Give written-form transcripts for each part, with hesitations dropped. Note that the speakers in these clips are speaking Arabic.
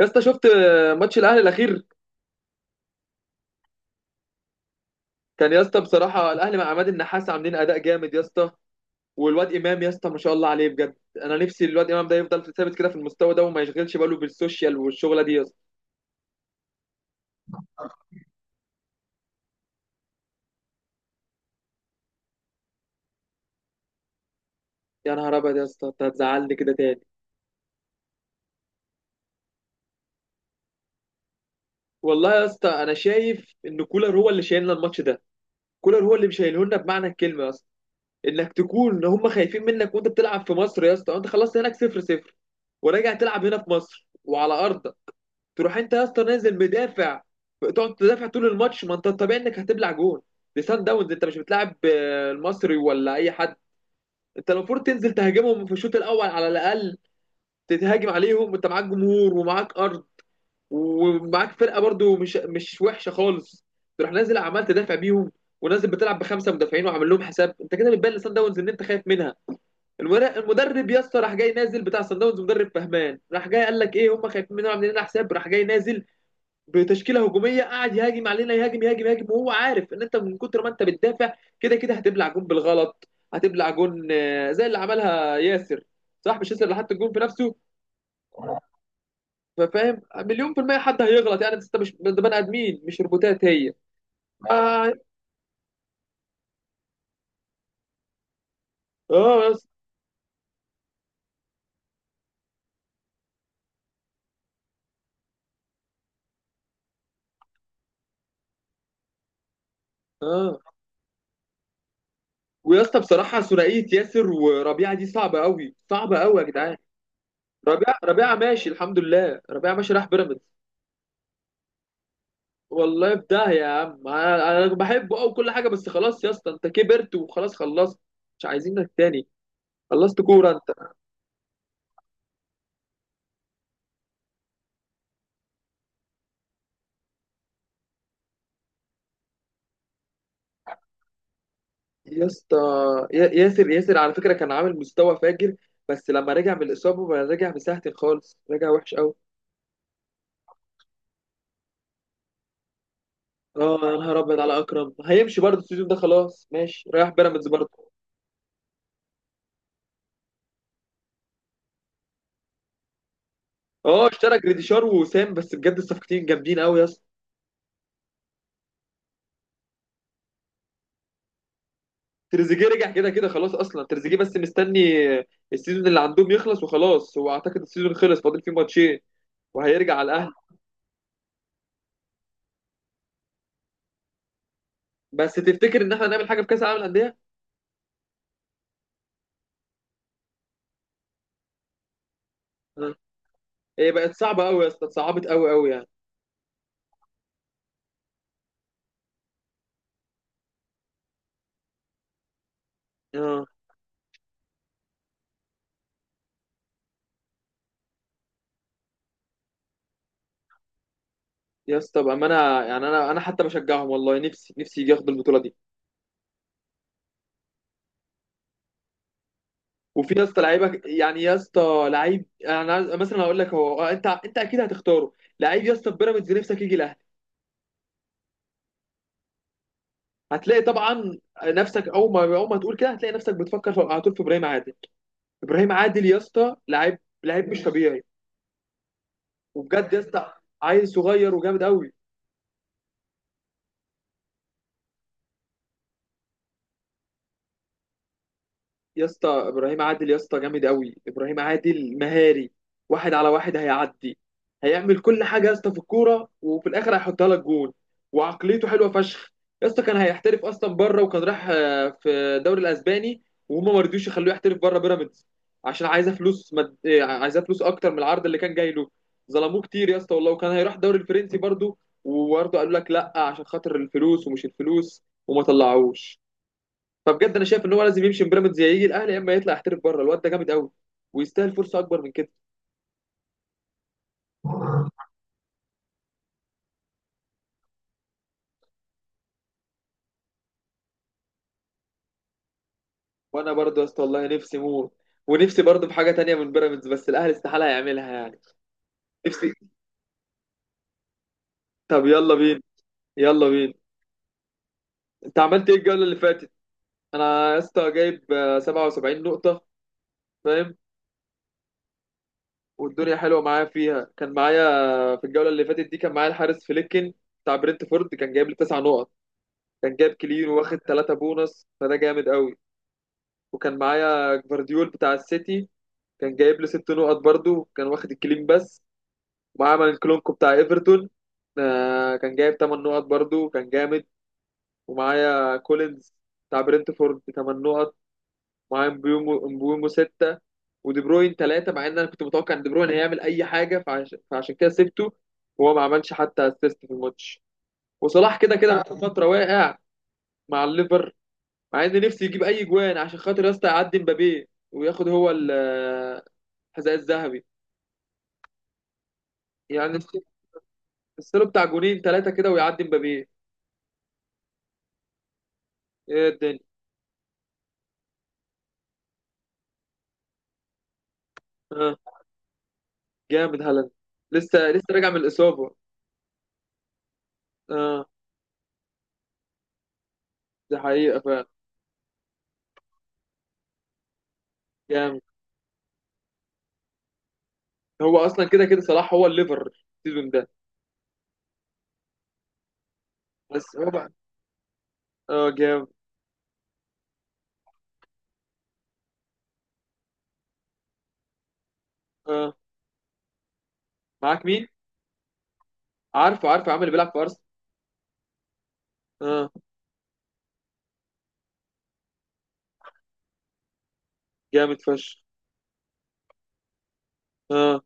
يا اسطى شفت ماتش الاهلي الاخير؟ كان يا اسطى بصراحه الاهلي مع عماد النحاس عاملين اداء جامد يا اسطى، والواد امام يا اسطى ما شاء الله عليه بجد. انا نفسي الواد امام ده يفضل ثابت كده في المستوى ده وما يشغلش باله بالسوشيال والشغله دي يا اسطى. يا نهار ابيض يا اسطى انت هتزعلني كده تاني. والله يا اسطى انا شايف ان كولر هو اللي شايلنا الماتش ده، كولر هو اللي مشايله لنا بمعنى الكلمه يا اسطى. انك تكون ان هم خايفين منك وانت بتلعب في مصر يا اسطى، وانت خلصت هناك 0-0 وراجع تلعب هنا في مصر وعلى ارضك، تروح انت يا اسطى نازل مدافع، تقعد تدافع طول الماتش. ما انت الطبيعي انك هتبلع جون. دي سان داونز، انت مش بتلعب المصري ولا اي حد. انت المفروض تنزل تهاجمهم في الشوط الاول على الاقل، تتهاجم عليهم وانت معاك جمهور ومعاك ارض ومعاك فرقه برضو مش وحشه خالص. تروح نازل عمال تدافع بيهم، ونازل بتلعب بخمسه مدافعين وعامل لهم حساب. انت كده بتبان لسان داونز ان انت خايف منها. المدرب يا اسطى راح جاي نازل بتاع سان داونز، مدرب فهمان، راح جاي قال لك ايه، هم خايفين مننا عاملين لنا حساب، راح جاي نازل بتشكيله هجوميه قاعد يهاجم علينا، يهاجم يهاجم يهاجم، وهو عارف ان انت من كتر ما انت بتدافع كده كده هتبلع جون بالغلط. هتبلع جون زي اللي عملها ياسر. صح، مش ياسر اللي حط الجون في نفسه؟ فاهم؟ مليون في المية حد هيغلط يعني، بس انت مش ده، بني ادمين مش روبوتات هي. اه. اه يا اسطى. اه. ويا اسطى بصراحة، ثنائية ياسر وربيعة دي صعبة قوي، صعبة قوي يا جدعان. ربيعة، ربيعة ماشي الحمد لله، ربيعة ماشي راح بيراميدز. والله في داهية يا عم، انا بحبه او كل حاجه، بس خلاص يا اسطى انت كبرت وخلاص خلصت، مش عايزينك تاني، خلصت كوره انت. يا اسطى، ياسر على فكره كان عامل مستوى فاجر، بس لما رجع من الاصابه بقى رجع مساحتي خالص، رجع وحش قوي. اه، يا نهار ابيض على اكرم، هيمشي برضه السيزون ده خلاص، ماشي رايح بيراميدز برضه. اه اشترى جريديشار ووسام، بس بجد الصفقتين جامدين قوي يا اسطى. تريزيجيه رجع كده كده خلاص، اصلا تريزيجيه بس مستني السيزون اللي عندهم يخلص وخلاص، هو اعتقد السيزون خلص فاضل فيه ماتشين، وهيرجع على الاهلي. بس تفتكر ان احنا نعمل حاجه في كاس العالم للانديه؟ آه. هي بقت صعبه قوي يا اسطى، اتصعبت قوي قوي يعني. اه. يا اسطى بامانه، يعني انا حتى بشجعهم والله، نفسي، نفسي يجي ياخد البطوله دي. وفي يا اسطى لعيبه يعني يا اسطى، لعيب انا مثلا هقول لك هو، انت اكيد هتختاره. لعيب يا اسطى في بيراميدز نفسك يجي الاهلي، هتلاقي طبعا نفسك، اول ما اول ما تقول كده هتلاقي نفسك بتفكر على طول في ابراهيم عادل. ابراهيم عادل يا اسطى لعيب، لعيب مش طبيعي. وبجد يا اسطى عيل صغير وجامد قوي. يا اسطى ابراهيم عادل يا اسطى جامد قوي، ابراهيم عادل مهاري، واحد على واحد هيعدي، هيعمل كل حاجه يا اسطى في الكوره، وفي الاخر هيحطها لك جول. وعقليته حلوه فشخ يا اسطى. كان هيحترف اصلا بره، وكان راح في الدوري الاسباني، وهما ما رضيوش يخلوه يحترف بره بيراميدز عشان عايزه فلوس مد... آه، عايزه فلوس اكتر من العرض اللي كان جاي له. ظلموه كتير يا اسطى والله، وكان هيروح الدوري الفرنسي برضه، وبرضه قالوا لك لا عشان خاطر الفلوس ومش الفلوس وما طلعوش. فبجد انا شايف ان هو لازم يمشي من بيراميدز، يا يجي الاهلي يا اما يطلع يحترف بره. الواد ده جامد قوي، ويستاهل فرصه اكبر من كده. وانا برضه يا اسطى والله نفسي موت، ونفسي برضه في حاجه تانية من بيراميدز، بس الاهلي استحاله يعملها يعني. نفسي. طب يلا بينا. يلا بينا. انت عملت ايه الجوله اللي فاتت؟ انا يا اسطى جايب 77 نقطه، فاهم. والدنيا حلوه معايا فيها. كان معايا في الجوله اللي فاتت دي كان معايا الحارس فليكن بتاع برنتفورد، كان جايب لي 9 نقط، كان جايب كلين واخد 3 بونص، فده جامد قوي. وكان معايا جفارديول بتاع السيتي، كان جايب لي 6 نقط برضو، كان واخد الكلين بس. ومعايا مانكلونكو بتاع ايفرتون، كان جايب 8 نقط برضو، كان جامد. ومعايا كولينز بتاع برنتفورد 8 نقط. معايا مبيومو، مبيومو 6. ودي بروين 3، مع ان انا كنت متوقع ان دي بروين هيعمل اي حاجة، فعشان كده سبته، وهو ما عملش حتى اسيست في الماتش. وصلاح كده كده بقاله فترة واقع مع الليفر، مع ان نفسي يجيب اي جوان عشان خاطر يا اسطى يعدي مبابي وياخد هو ال حذاء الذهبي. يعني السير بتاع جونين 3 كده ويعدي مبابي. ايه الدنيا. اه جامد هالاند، لسه راجع من الإصابة. اه. دي حقيقة فعلا. جامد. هو أصلا كده كده صلاح هو الليفر السيزون ده. بس هو بقى. اه جامد. اه، معاك مين؟ عارفه عارفه، عامل اللي بيلعب في أرسنال. اه. جامد فشخ. اه.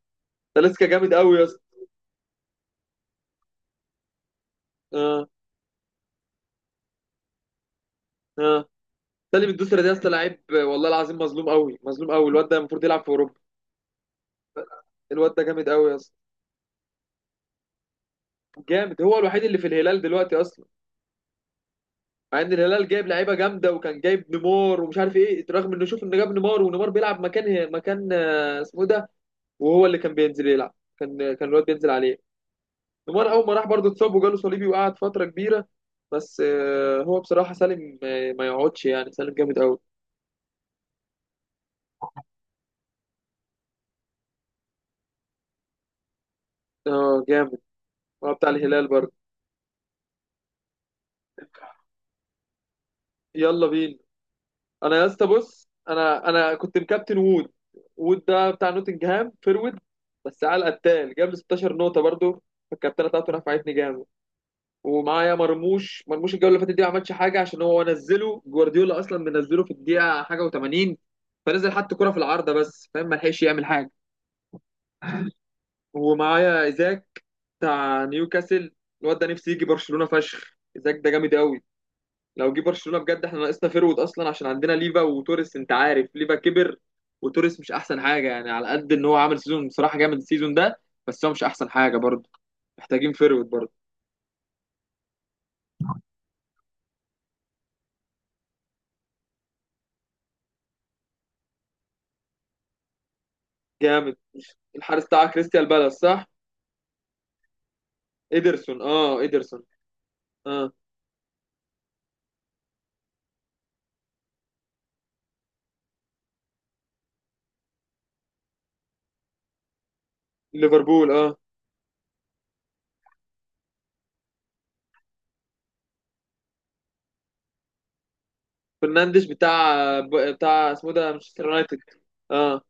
تاليسكا جامد قوي يا اسطى. اه. اه. سالم الدوسري ده يا اسطى لعيب والله العظيم، مظلوم قوي، مظلوم قوي، الواد ده المفروض يلعب في أوروبا. الواد ده جامد قوي يا اسطى. جامد، هو الوحيد اللي في الهلال دلوقتي أصلا. مع ان الهلال جايب لعيبه جامده، وكان جايب نيمار ومش عارف ايه، رغم انه شوف انه جاب نيمار ونيمار بيلعب مكان مكان اسمه إيه ده. وهو اللي كان بينزل يلعب، كان الواد بينزل عليه. نيمار اول ما راح برضه اتصاب وجاله صليبي وقعد فتره كبيره. بس هو بصراحه سالم، ما يقعدش يعني، سالم جامد قوي. اه جامد، هو بتاع الهلال برضه. يلا بينا. انا يا اسطى بص، انا كنت مكابتن وود. وود ده بتاع نوتنجهام فيرود، بس على القتال جاب لي 16 نقطه برضه، فالكابتنه بتاعته نفعتني جامد. ومعايا مرموش، مرموش الجوله اللي فاتت دي ما عملش حاجه عشان هو نزله جوارديولا اصلا منزله في الدقيقه حاجه و80، فنزل حط كره في العارضه بس فاهم، ما لحقش يعمل حاجه. ومعايا ايزاك بتاع نيوكاسل، الواد ده نفسي يجي برشلونه فشخ. ايزاك ده جامد قوي، لو جه برشلونه بجد، احنا ناقصنا فيرود اصلا عشان عندنا ليفا وتوريس، انت عارف ليفا كبر، وتوريس مش احسن حاجه يعني، على قد ان هو عامل سيزون بصراحه جامد السيزون ده، بس هو مش احسن حاجه برضه، محتاجين فيرود برضه. جامد. الحارس بتاع كريستيان بالاس، صح؟ إيدرسون، اه إيدرسون. اه. ليفربول، اه. فرنانديش بتاع، بتاع اسمه ده مانشستر يونايتد. اه.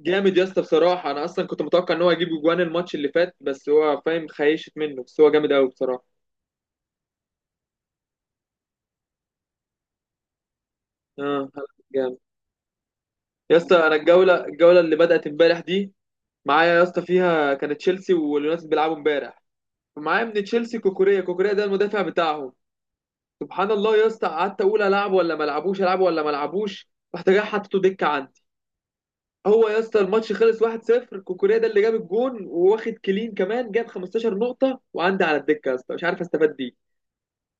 جامد يا اسطى بصراحة، أنا أصلا كنت متوقع إن هو يجيب أجوان الماتش اللي فات، بس هو فاهم خيشت منه، بس هو جامد أوي بصراحة. اه. جامد. يا اسطى أنا الجولة اللي بدأت امبارح دي، معايا يا اسطى فيها كانت تشيلسي واليونايتد بيلعبوا امبارح. معايا من تشيلسي كوكوريا، كوكوريا ده المدافع بتاعهم. سبحان الله يا اسطى، قعدت أقول ألعب ولا ما ألعبوش، ألعب ولا ما ألعبوش، رحت جاي حطيته دكة عندي. هو يا اسطى الماتش خلص 1-0، كوكوريا ده اللي جاب الجون وواخد كلين كمان، جاب 15 نقطة وعندي على الدكة يا اسطى، مش عارف استفاد بيه.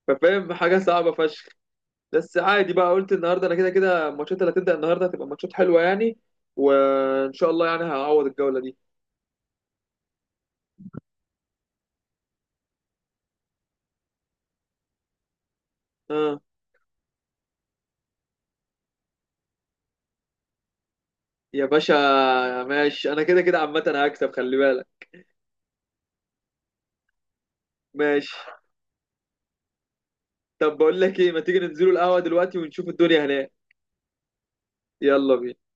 ففاهم حاجة صعبة فشخ. بس عادي بقى، قلت النهارده انا كده كده الماتشات اللي هتبدأ النهارده هتبقى ماتشات حلوة يعني، وان شاء الله يعني هعوض الجولة دي. اه يا باشا. ماشي، انا كده كده عامة هكسب خلي بالك. ماشي. طب بقول لك ايه، ما تيجي ننزلوا القهوة دلوقتي ونشوف الدنيا هناك. يلا بينا.